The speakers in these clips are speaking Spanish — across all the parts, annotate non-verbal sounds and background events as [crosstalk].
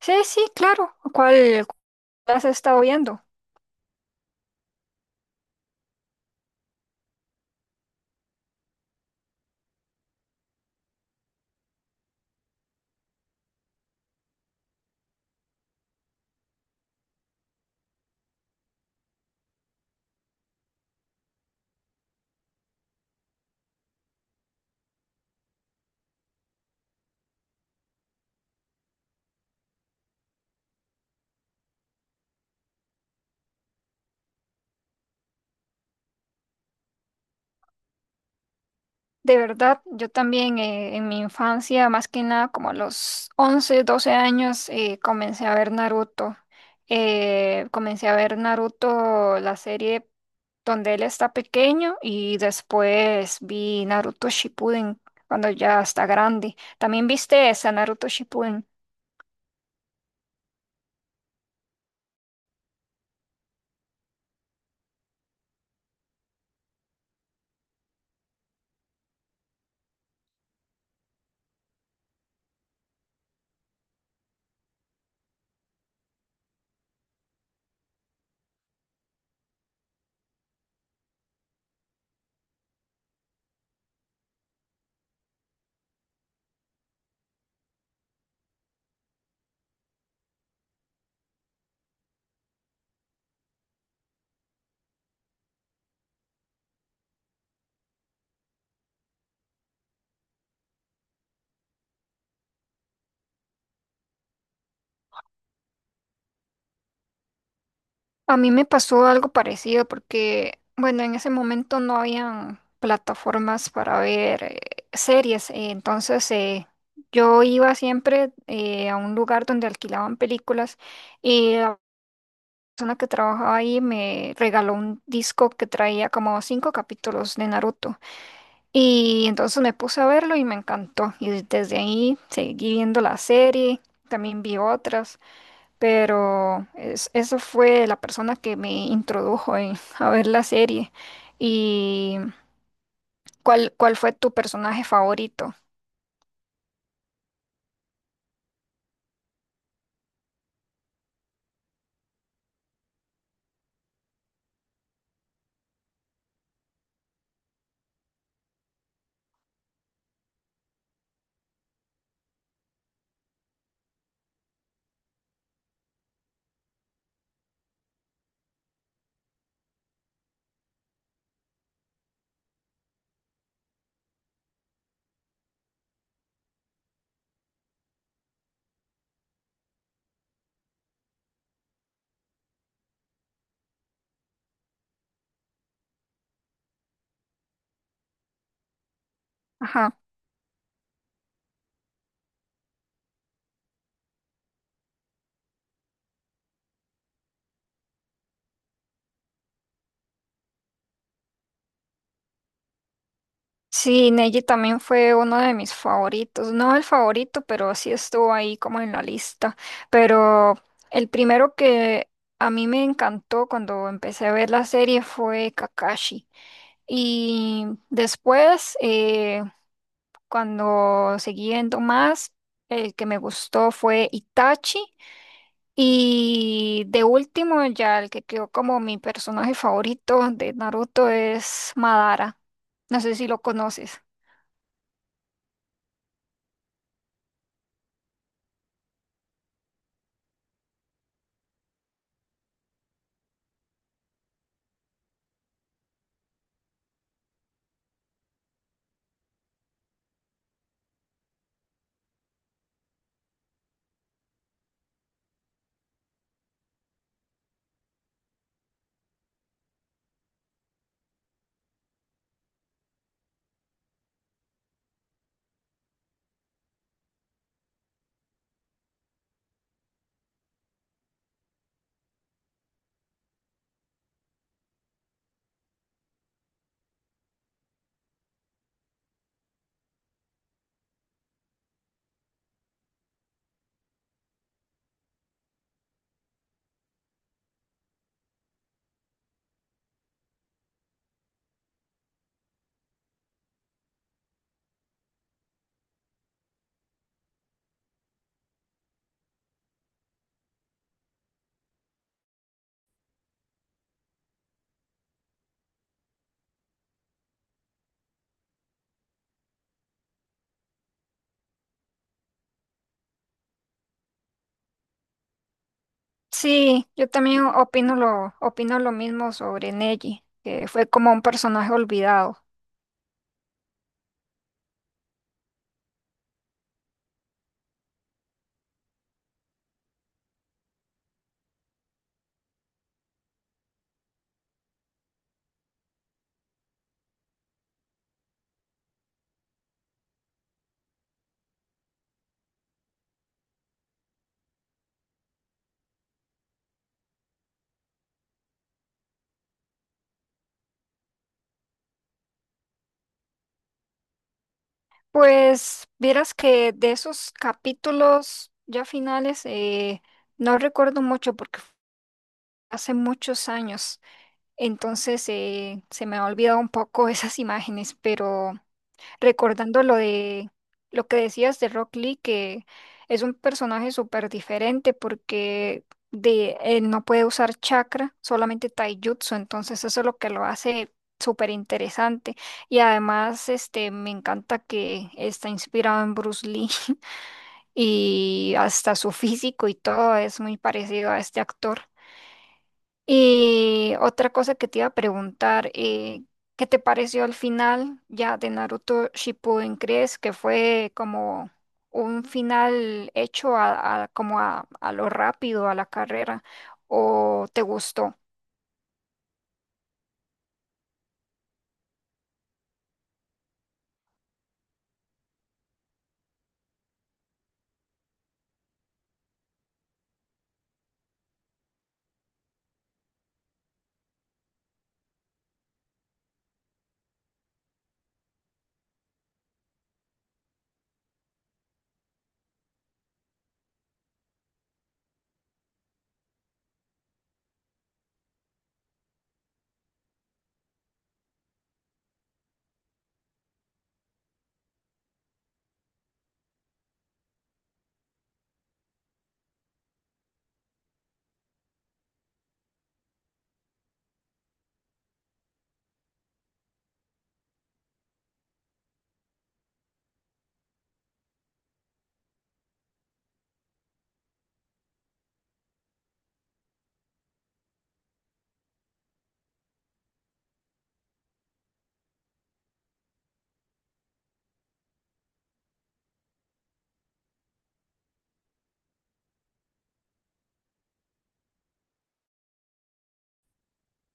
Sí, sí, claro. ¿Cuál has estado viendo? De verdad, yo también en mi infancia, más que nada como a los 11, 12 años, comencé a ver Naruto. Comencé a ver Naruto, la serie donde él está pequeño, y después vi Naruto Shippuden cuando ya está grande. ¿También viste esa Naruto Shippuden? A mí me pasó algo parecido porque, bueno, en ese momento no habían plataformas para ver series, entonces yo iba siempre a un lugar donde alquilaban películas y la persona que trabajaba ahí me regaló un disco que traía como cinco capítulos de Naruto y entonces me puse a verlo y me encantó y desde ahí seguí viendo la serie, también vi otras pero eso fue la persona que me introdujo [laughs] a ver la serie. ¿Y cuál fue tu personaje favorito? Ajá. Sí, Neji también fue uno de mis favoritos. No el favorito, pero sí estuvo ahí como en la lista. Pero el primero que a mí me encantó cuando empecé a ver la serie fue Kakashi. Y después, cuando seguí viendo más, el que me gustó fue Itachi. Y de último, ya el que quedó como mi personaje favorito de Naruto es Madara. No sé si lo conoces. Sí, yo también opino lo mismo sobre Neji, que fue como un personaje olvidado. Pues vieras que de esos capítulos ya finales no recuerdo mucho porque fue hace muchos años. Entonces se me ha olvidado un poco [laughs] esas imágenes, pero recordando lo de lo que decías de Rock Lee, que es un personaje súper diferente porque él no puede usar chakra, solamente taijutsu, entonces eso es lo que lo hace súper interesante. Y además este, me encanta que está inspirado en Bruce Lee [laughs] y hasta su físico y todo es muy parecido a este actor. Y otra cosa que te iba a preguntar, ¿qué te pareció al final ya de Naruto Shippuden? ¿Crees que fue como un final hecho como a lo rápido, a la carrera, o te gustó?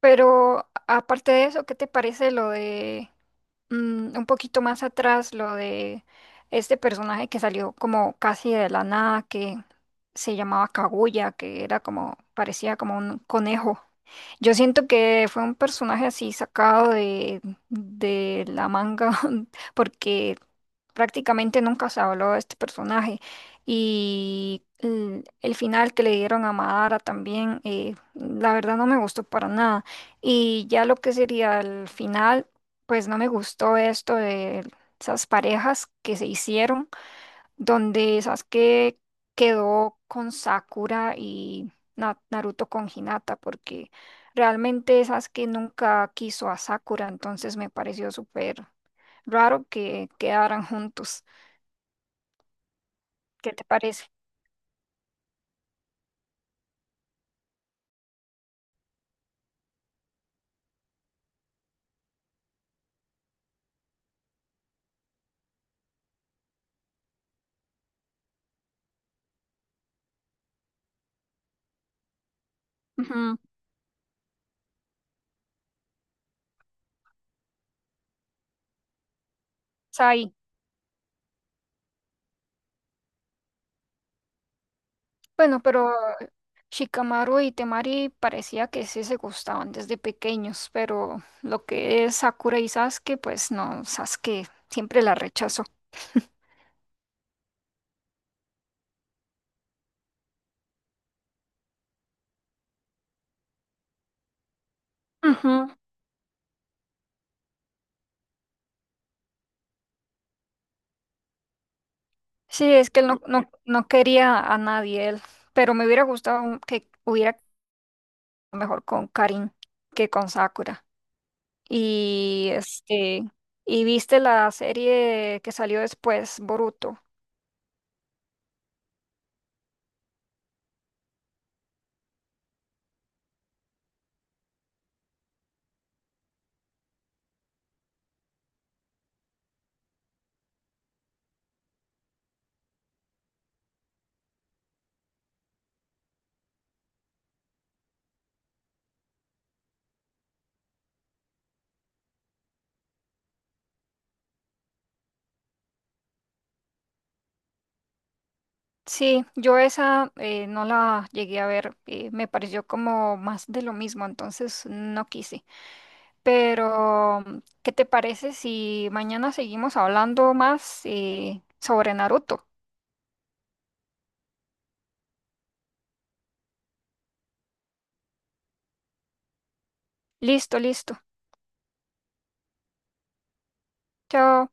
Pero aparte de eso, ¿qué te parece lo de un poquito más atrás lo de este personaje que salió como casi de la nada, que se llamaba Kaguya, que era como, parecía como un conejo. Yo siento que fue un personaje así sacado de la manga, [laughs] porque prácticamente nunca se habló de este personaje. Y el final que le dieron a Madara también, la verdad no me gustó para nada. Y ya lo que sería el final, pues no me gustó esto de esas parejas que se hicieron, donde Sasuke quedó con Sakura y Naruto con Hinata, porque realmente Sasuke nunca quiso a Sakura, entonces me pareció súper raro que quedaran juntos. ¿Qué te parece? Ujú, Sai. Bueno, pero Shikamaru y Temari parecía que sí se gustaban desde pequeños, pero lo que es Sakura y Sasuke, pues no, Sasuke siempre la rechazó. Ujú. Sí, es que él no, no, no quería a nadie él, pero me hubiera gustado que hubiera quedado mejor con Karin que con Sakura. Y este, ¿y viste la serie que salió después, Boruto? Sí, yo esa no la llegué a ver, me pareció como más de lo mismo, entonces no quise. Pero, ¿qué te parece si mañana seguimos hablando más sobre Naruto? Listo, listo. Chao.